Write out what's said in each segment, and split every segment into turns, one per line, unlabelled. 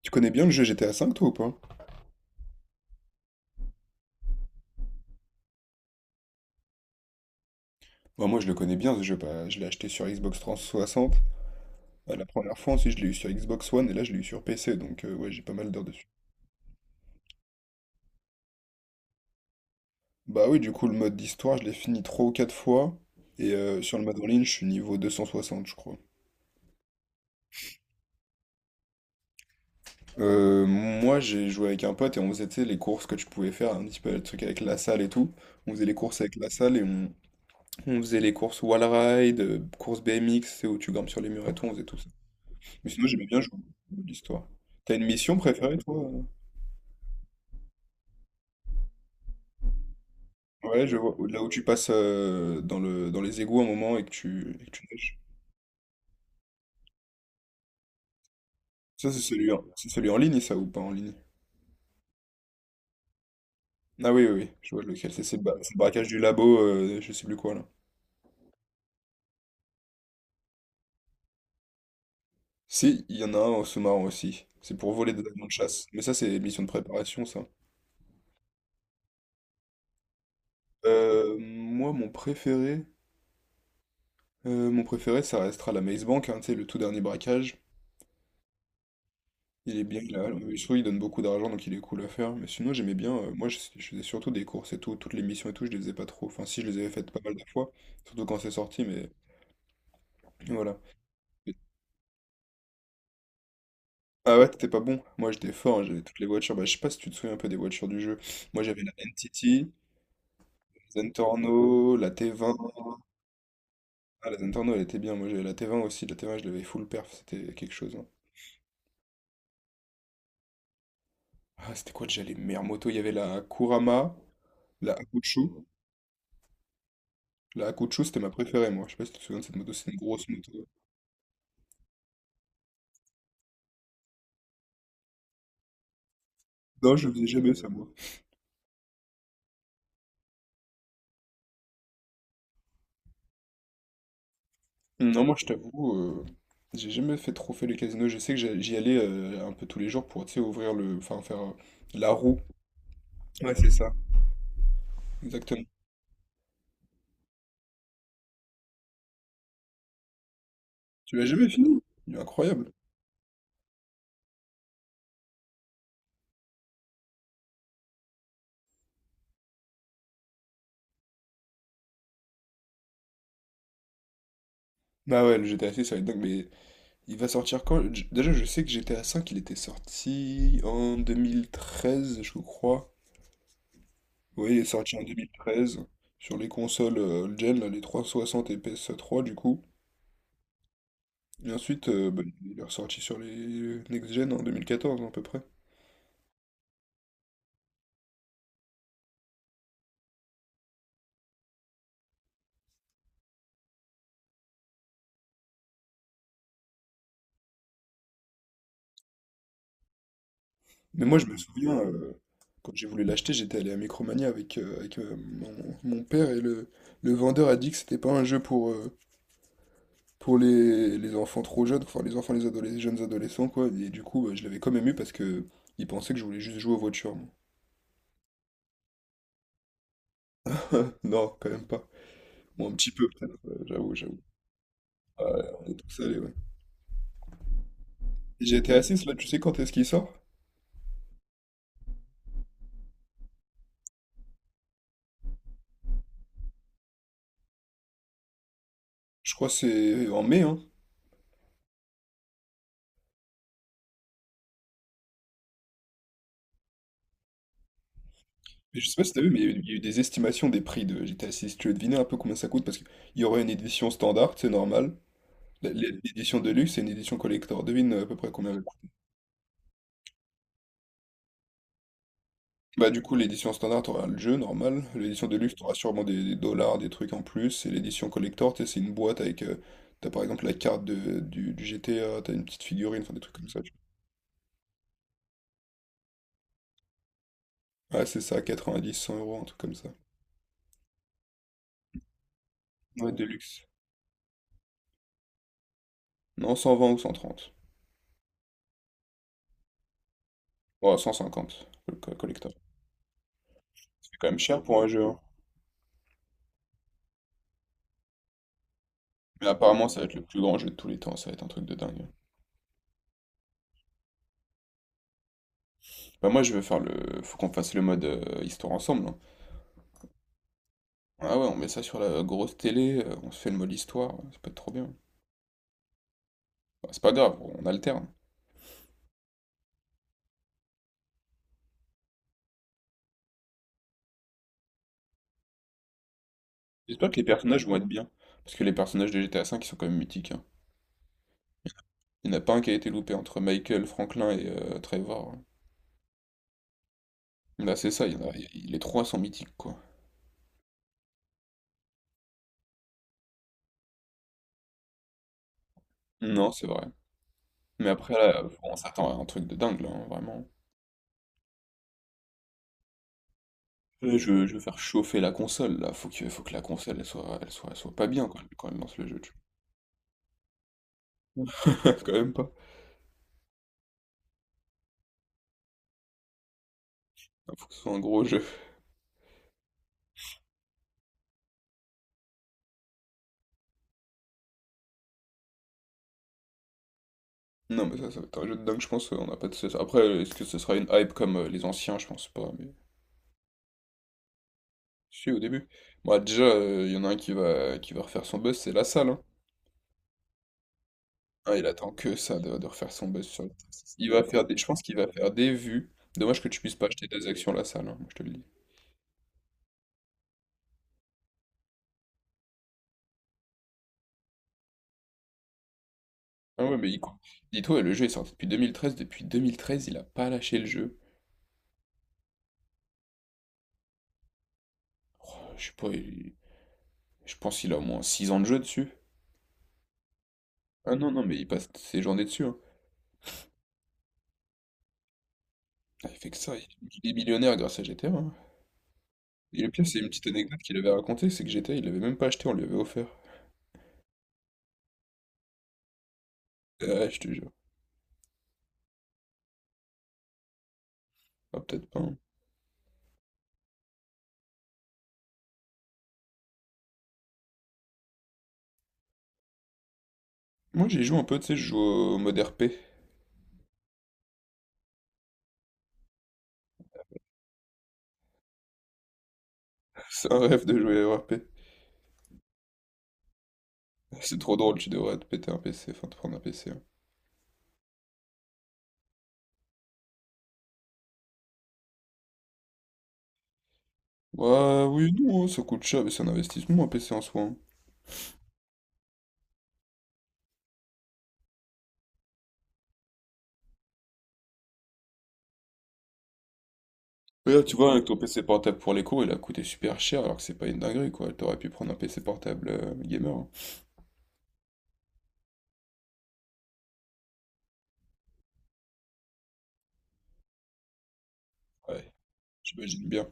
Tu connais bien le jeu GTA V, toi, ou pas? Bah, moi, je le connais bien, ce jeu. Bah, je l'ai acheté sur Xbox 360. La première fois, ensuite, je l'ai eu sur Xbox One, et là, je l'ai eu sur PC, donc ouais, j'ai pas mal d'heures dessus. Bah oui, du coup, le mode d'histoire, je l'ai fini 3 ou 4 fois, et sur le mode en ligne, je suis niveau 260, je crois. Moi, j'ai joué avec un pote, et on faisait, tu sais, les courses que tu pouvais faire, un petit peu le truc avec la salle et tout. On faisait les courses avec la salle, et on faisait les courses wall ride, courses BMX, c'est où tu grimpes sur les murs et tout, on faisait tout. Mais sinon, j'aimais bien jouer l'histoire. T'as une mission préférée, toi? Ouais, je vois. Là où tu passes dans les égouts un moment et que tu nages. Ça, c'est celui en ligne, ça, ou pas en ligne? Ah oui, oui, oui, je vois lequel. C'est le braquage du labo, je sais plus quoi, là. Si, il y en a un en sous-marin aussi. C'est pour voler des avions de chasse. Mais ça, c'est mission de préparation, ça. Moi, mon préféré, ça restera la Maze Bank, hein, tu sais, le tout dernier braquage. Il est bien, il a, mais je trouve qu'il donne beaucoup d'argent, donc il est cool à faire. Mais sinon, j'aimais bien. Moi, je faisais surtout des courses et tout. Toutes les missions et tout, je les faisais pas trop. Enfin, si, je les avais faites pas mal de fois. Surtout quand c'est sorti, mais voilà. Ah ouais, t'étais pas bon. Moi, j'étais fort, hein, j'avais toutes les voitures. Bah, je sais pas si tu te souviens un peu des voitures du jeu. Moi, j'avais la NTT, la Zentorno, la T20. Ah, la Zentorno, elle était bien. Moi, j'avais la T20 aussi. La T20, je l'avais full perf. C'était quelque chose, hein. Ah, c'était quoi déjà les meilleures motos? Il y avait la Kurama, la Akuchu. La Akuchu, c'était ma préférée, moi. Je sais pas si tu te souviens de cette moto. C'est une grosse moto. Non, je faisais jamais ça, moi. Non, moi, je t'avoue, j'ai jamais fait trop fait les casinos. Je sais que j'y allais un peu tous les jours pour, tu sais, ouvrir enfin, faire la roue. Ouais, c'est ça. Exactement. Tu l'as jamais fini? Il est incroyable. Bah ouais, le GTA 6, ça va être dingue, mais il va sortir quand? Déjà, je sais que GTA 5, il était sorti en 2013, je crois. Oui, il est sorti en 2013 sur les consoles old gen, là, les 360 et PS3, du coup. Et ensuite, bah, il est ressorti sur les next gen en 2014, à peu près. Mais moi, je me souviens, quand j'ai voulu l'acheter, j'étais allé à Micromania avec, mon père et le vendeur a dit que c'était pas un jeu pour, les enfants trop jeunes, enfin les enfants, les jeunes adolescents, quoi. Et du coup, bah, je l'avais quand même eu parce que il pensait que je voulais juste jouer aux voitures, moi. Non, quand même pas. Bon, un petit peu, peut-être, j'avoue, j'avoue. Ouais, on est tous allés, ouais. Et GTA 6, là, tu sais quand est-ce qu'il sort? Je crois que c'est en mai, hein. Mais je sais pas si t'as vu, mais il y a eu des estimations des prix de GTA 6. Tu veux deviner un peu combien ça coûte? Parce qu'il y aurait une édition standard, c'est normal. L'édition Deluxe et une édition collector. Devine à peu près combien elle coûte. Bah du coup, l'édition standard, t'auras le jeu, normal. L'édition de luxe t'auras sûrement des dollars, des trucs en plus. Et l'édition collector, tu sais, c'est une boîte avec, t'as par exemple la carte de, du GTA, t'as une petite figurine, enfin des trucs comme ça, tu vois. Ouais, c'est ça, 90, 100 euros, un truc comme ça. Ouais, de luxe. Non, 120 ou 130. Ouais, 150, le collector. C'est quand même cher pour un jeu, hein. Mais apparemment, ça va être le plus grand jeu de tous les temps, ça va être un truc de dingue. Bah moi, je veux faire faut qu'on fasse le mode histoire ensemble, hein. Ah ouais, on met ça sur la grosse télé, on se fait le mode histoire, ça peut être trop bien. Bah, c'est pas grave, on alterne. J'espère que les personnages vont être bien, parce que les personnages de GTA V, ils sont quand même mythiques, hein. Il n'y en a pas un qui a été loupé entre Michael, Franklin et Trevor, hein. Bah c'est ça, il y en a, les trois sont mythiques, quoi. Non, c'est vrai. Mais après, là, on s'attend à un truc de dingue, là, hein, vraiment. Ouais, je veux faire chauffer la console là, faut que la console elle soit pas bien quand elle lance le jeu, tu vois. Quand même pas. Faut que ce soit un gros jeu. Non mais ça va être un jeu de dingue, je pense, on n'a pas de cesse. Après, est-ce que ce sera une hype comme les anciens, je pense pas, mais. Si au début. Moi déjà, il y en a un qui va refaire son buzz, c'est la salle, hein. Ah, il attend que ça de refaire son buzz sur le test. Il va faire des. Je pense qu'il va faire des vues. Dommage que tu puisses pas acheter des actions la salle, hein, moi je te le dis. Ah ouais mais dis-toi, le jeu est sorti depuis 2013. Depuis 2013, il a pas lâché le jeu. Oh, je sais pas, je pense qu'il a au moins 6 ans de jeu dessus. Ah non, non, mais il passe ses journées dessus, hein. Ah, il fait que ça, il est millionnaire grâce à GTA, hein. Et le pire, c'est une petite anecdote qu'il avait racontée, c'est que GTA, il l'avait même pas acheté, on lui avait offert. Ah, ouais, je te jure. Ah, peut-être pas, hein. Moi, j'y joue un peu, tu sais, je joue au mode RP. C'est un rêve de jouer à RP. C'est trop drôle, tu devrais te péter un PC, enfin te prendre un PC, hein. Ouais, oui, non, hein, ça coûte cher, mais c'est un investissement, un PC en soi, hein. Mais là, tu vois, avec ton PC portable pour les cours, il a coûté super cher, alors que c'est pas une dinguerie, quoi. T'aurais pu prendre un PC portable gamer, hein. Ouais, j'imagine bien.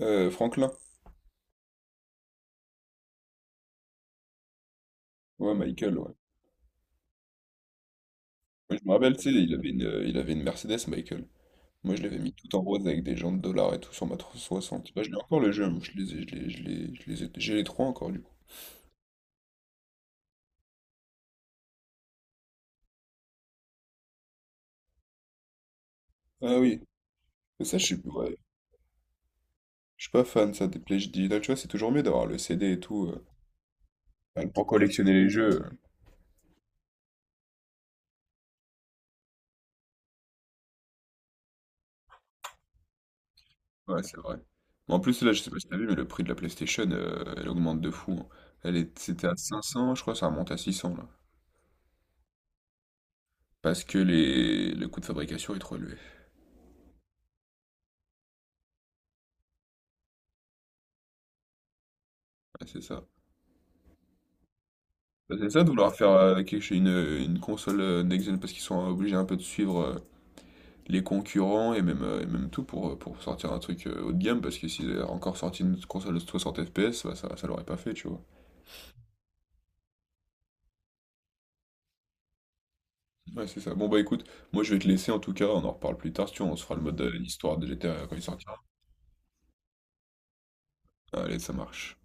Franklin. Ouais, Michael, ouais. Moi, je me rappelle, tu sais, il avait une Mercedes, Michael. Moi, je l'avais mis tout en rose avec des jantes de dollars et tout sur ma 360. Bah, je l'ai encore le jeu, moi, je les ai, je les, je les, je les ai- j'ai les trois encore, du coup. Ah oui. Mais ça, ouais, je suis pas fan, ça, des plages digitales. Tu vois, c'est toujours mieux d'avoir le CD et tout. Bah, pour collectionner les jeux. Ouais, c'est vrai. Mais en plus, là, je sais pas si t'as vu, mais le prix de la PlayStation, elle augmente de fou, hein. C'était à 500 je crois, ça remonte à 600 là. Le coût de fabrication est trop élevé. Ah, c'est ça. Bah, c'est ça de vouloir faire quelque chose, une console next gen parce qu'ils sont obligés un peu de suivre les concurrents et même tout pour sortir un truc haut de gamme parce que s'ils avaient encore sorti une console de 60 FPS, bah, ça l'aurait pas fait, tu vois. Ouais, c'est ça. Bon, bah écoute, moi je vais te laisser en tout cas, on en reparle plus tard, si tu veux, on se fera le mode histoire de GTA quand il sortira. Allez, ça marche.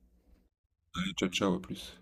Allez, ciao, ciao, à plus.